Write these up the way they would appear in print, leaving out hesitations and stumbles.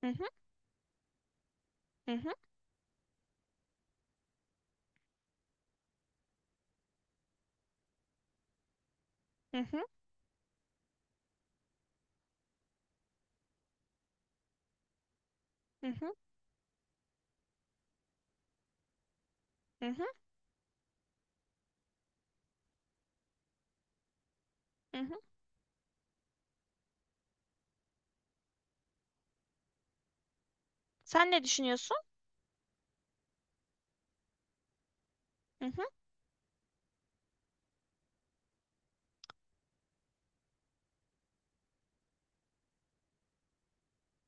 Hı hı, hı hı, hı hı, hı hı, hı hı, hı hı. Sen ne düşünüyorsun? Hı hı.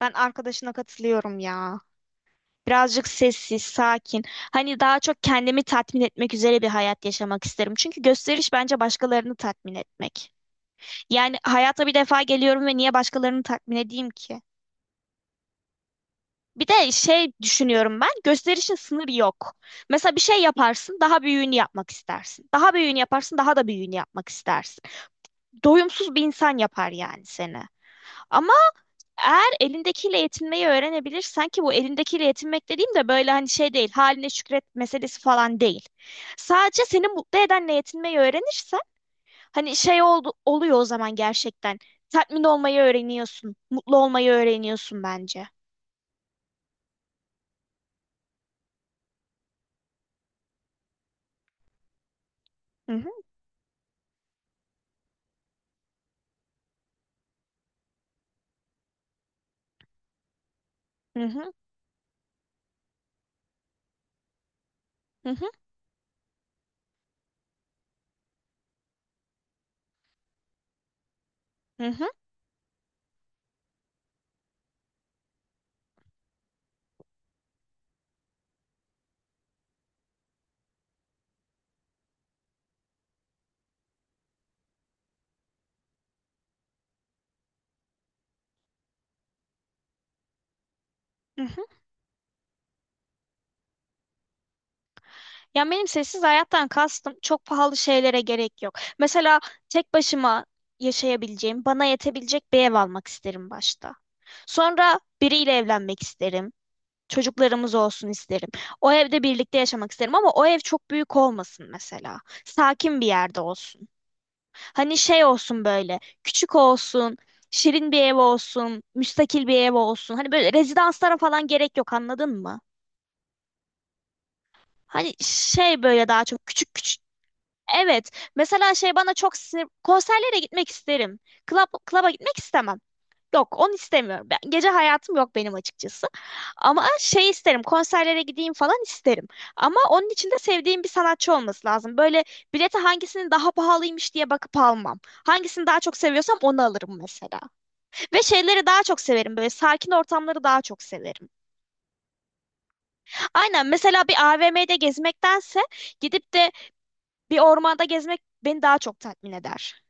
Ben arkadaşına katılıyorum ya. Birazcık sessiz, sakin. Hani daha çok kendimi tatmin etmek üzere bir hayat yaşamak isterim. Çünkü gösteriş bence başkalarını tatmin etmek. Yani hayata bir defa geliyorum ve niye başkalarını tatmin edeyim ki? Bir de şey düşünüyorum ben, gösterişin sınırı yok. Mesela bir şey yaparsın, daha büyüğünü yapmak istersin. Daha büyüğünü yaparsın, daha da büyüğünü yapmak istersin. Doyumsuz bir insan yapar yani seni. Ama eğer elindekiyle yetinmeyi öğrenebilirsen ki bu elindekiyle yetinmek dediğim de böyle hani şey değil, haline şükret meselesi falan değil. Sadece seni mutlu edenle yetinmeyi öğrenirsen hani şey oldu, oluyor o zaman gerçekten. Tatmin olmayı öğreniyorsun, mutlu olmayı öğreniyorsun bence. Hı hı, hı hı, hı hı, hı hı, hı hı. Ya benim sessiz hayattan kastım çok pahalı şeylere gerek yok. Mesela tek başıma yaşayabileceğim, bana yetebilecek bir ev almak isterim başta. Sonra biriyle evlenmek isterim. Çocuklarımız olsun isterim. O evde birlikte yaşamak isterim ama o ev çok büyük olmasın mesela. Sakin bir yerde olsun. Hani şey olsun böyle, küçük olsun, şirin bir ev olsun, müstakil bir ev olsun. Hani böyle rezidanslara falan gerek yok, anladın mı? Hani şey böyle daha çok küçük küçük. Evet. Mesela şey bana çok sinir... Konserlere gitmek isterim. Club'a gitmek istemem. Yok, onu istemiyorum. Ben, gece hayatım yok benim açıkçası. Ama şey isterim, konserlere gideyim falan isterim. Ama onun için de sevdiğim bir sanatçı olması lazım. Böyle bilete hangisinin daha pahalıymış diye bakıp almam. Hangisini daha çok seviyorsam onu alırım mesela. Ve şeyleri daha çok severim. Böyle sakin ortamları daha çok severim. Aynen, mesela bir AVM'de gezmektense gidip de bir ormanda gezmek beni daha çok tatmin eder.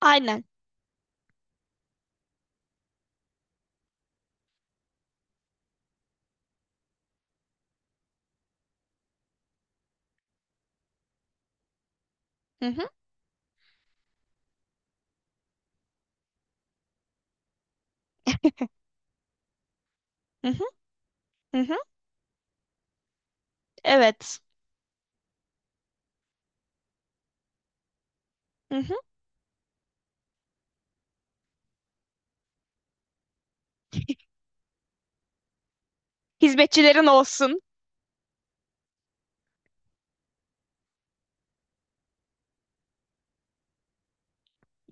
Aynen. Hı hı, hı hı, hı hı. Evet. Hı hı. Hizmetçilerin olsun.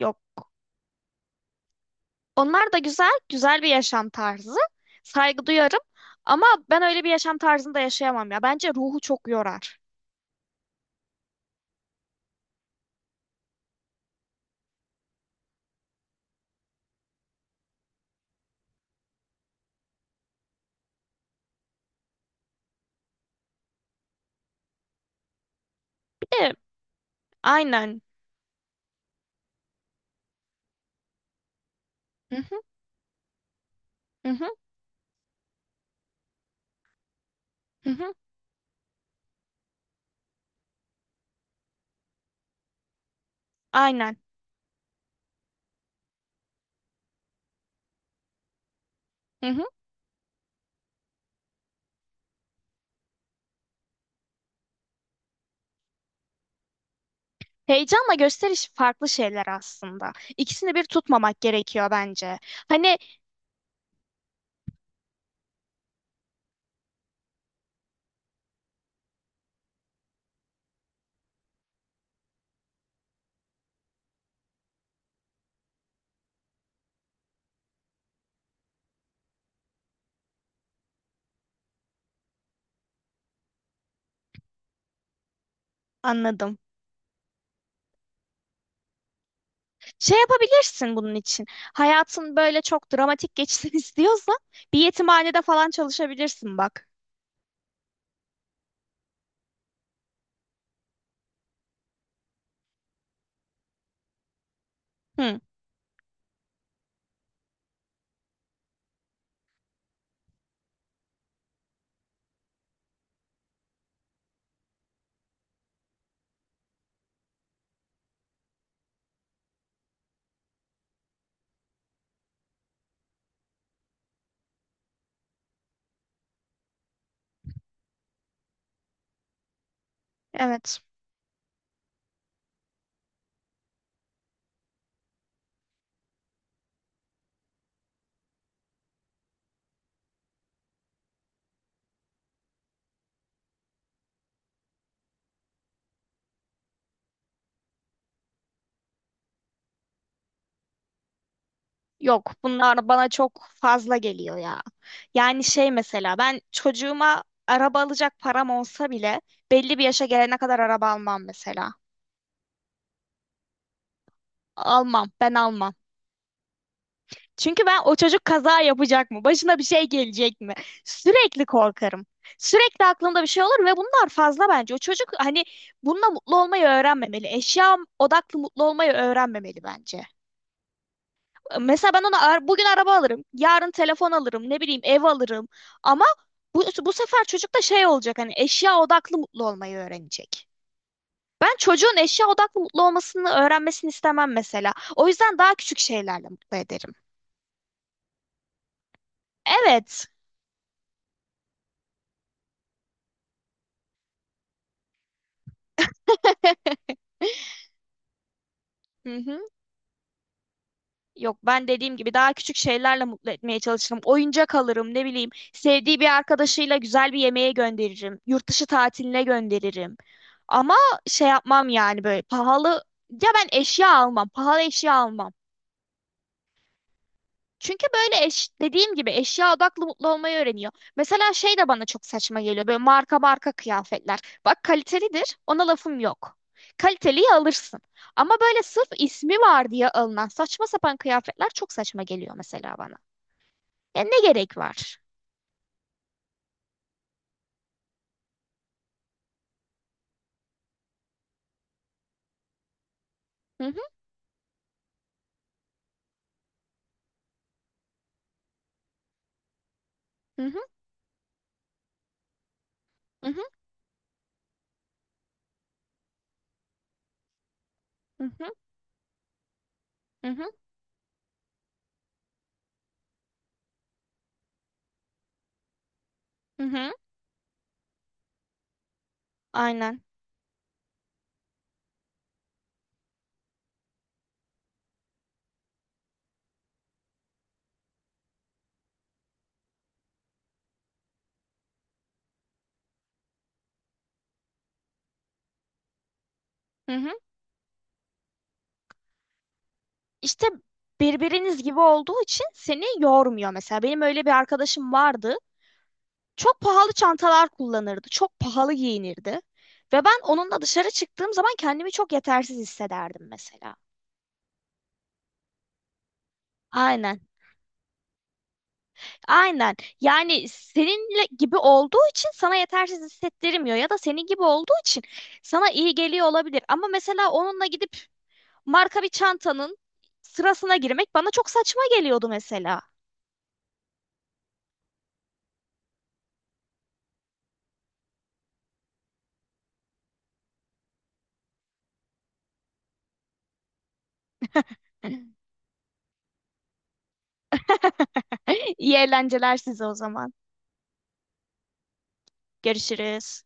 Yok. Onlar da güzel, güzel bir yaşam tarzı. Saygı duyarım. Ama ben öyle bir yaşam tarzında yaşayamam ya. Bence ruhu çok yorar. Bir de aynen. Hı hı, hı hı, hı hı, aynen. Hı hı. Heyecanla gösteriş farklı şeyler aslında. İkisini bir tutmamak gerekiyor bence. Hani anladım. Şey yapabilirsin bunun için. Hayatın böyle çok dramatik geçsin istiyorsan bir yetimhanede falan çalışabilirsin, bak. Hı, evet. Yok, bunlar bana çok fazla geliyor ya. Yani şey mesela ben çocuğuma araba alacak param olsa bile belli bir yaşa gelene kadar araba almam mesela. Almam, ben almam. Çünkü ben, o çocuk kaza yapacak mı? Başına bir şey gelecek mi? Sürekli korkarım. Sürekli aklımda bir şey olur ve bunlar fazla bence. O çocuk hani bununla mutlu olmayı öğrenmemeli. Eşya odaklı mutlu olmayı öğrenmemeli bence. Mesela ben ona bugün araba alırım, yarın telefon alırım, ne bileyim ev alırım. Ama bu sefer çocuk da şey olacak, hani eşya odaklı mutlu olmayı öğrenecek. Ben çocuğun eşya odaklı mutlu olmasını öğrenmesini istemem mesela. O yüzden daha küçük şeylerle mutlu ederim. Evet. Hı hı. Yok, ben dediğim gibi daha küçük şeylerle mutlu etmeye çalışırım. Oyuncak alırım ne bileyim. Sevdiği bir arkadaşıyla güzel bir yemeğe gönderirim. Yurt dışı tatiline gönderirim. Ama şey yapmam yani, böyle pahalı, ya ben eşya almam, pahalı eşya almam. Çünkü böyle dediğim gibi eşya odaklı mutlu olmayı öğreniyor. Mesela şey de bana çok saçma geliyor. Böyle marka marka kıyafetler. Bak, kalitelidir. Ona lafım yok. Kaliteliyi alırsın. Ama böyle sırf ismi var diye alınan saçma sapan kıyafetler çok saçma geliyor mesela bana. Ya ne gerek var? Hı hı, hı hı, hı hı, hı hı, hı hı. Aynen. Hı hı. İşte birbiriniz gibi olduğu için seni yormuyor. Mesela benim öyle bir arkadaşım vardı. Çok pahalı çantalar kullanırdı. Çok pahalı giyinirdi. Ve ben onunla dışarı çıktığım zaman kendimi çok yetersiz hissederdim mesela. Aynen. Aynen. Yani seninle gibi olduğu için sana yetersiz hissettirmiyor, ya da senin gibi olduğu için sana iyi geliyor olabilir. Ama mesela onunla gidip marka bir çantanın sırasına girmek bana çok saçma geliyordu mesela. İyi eğlenceler size o zaman. Görüşürüz.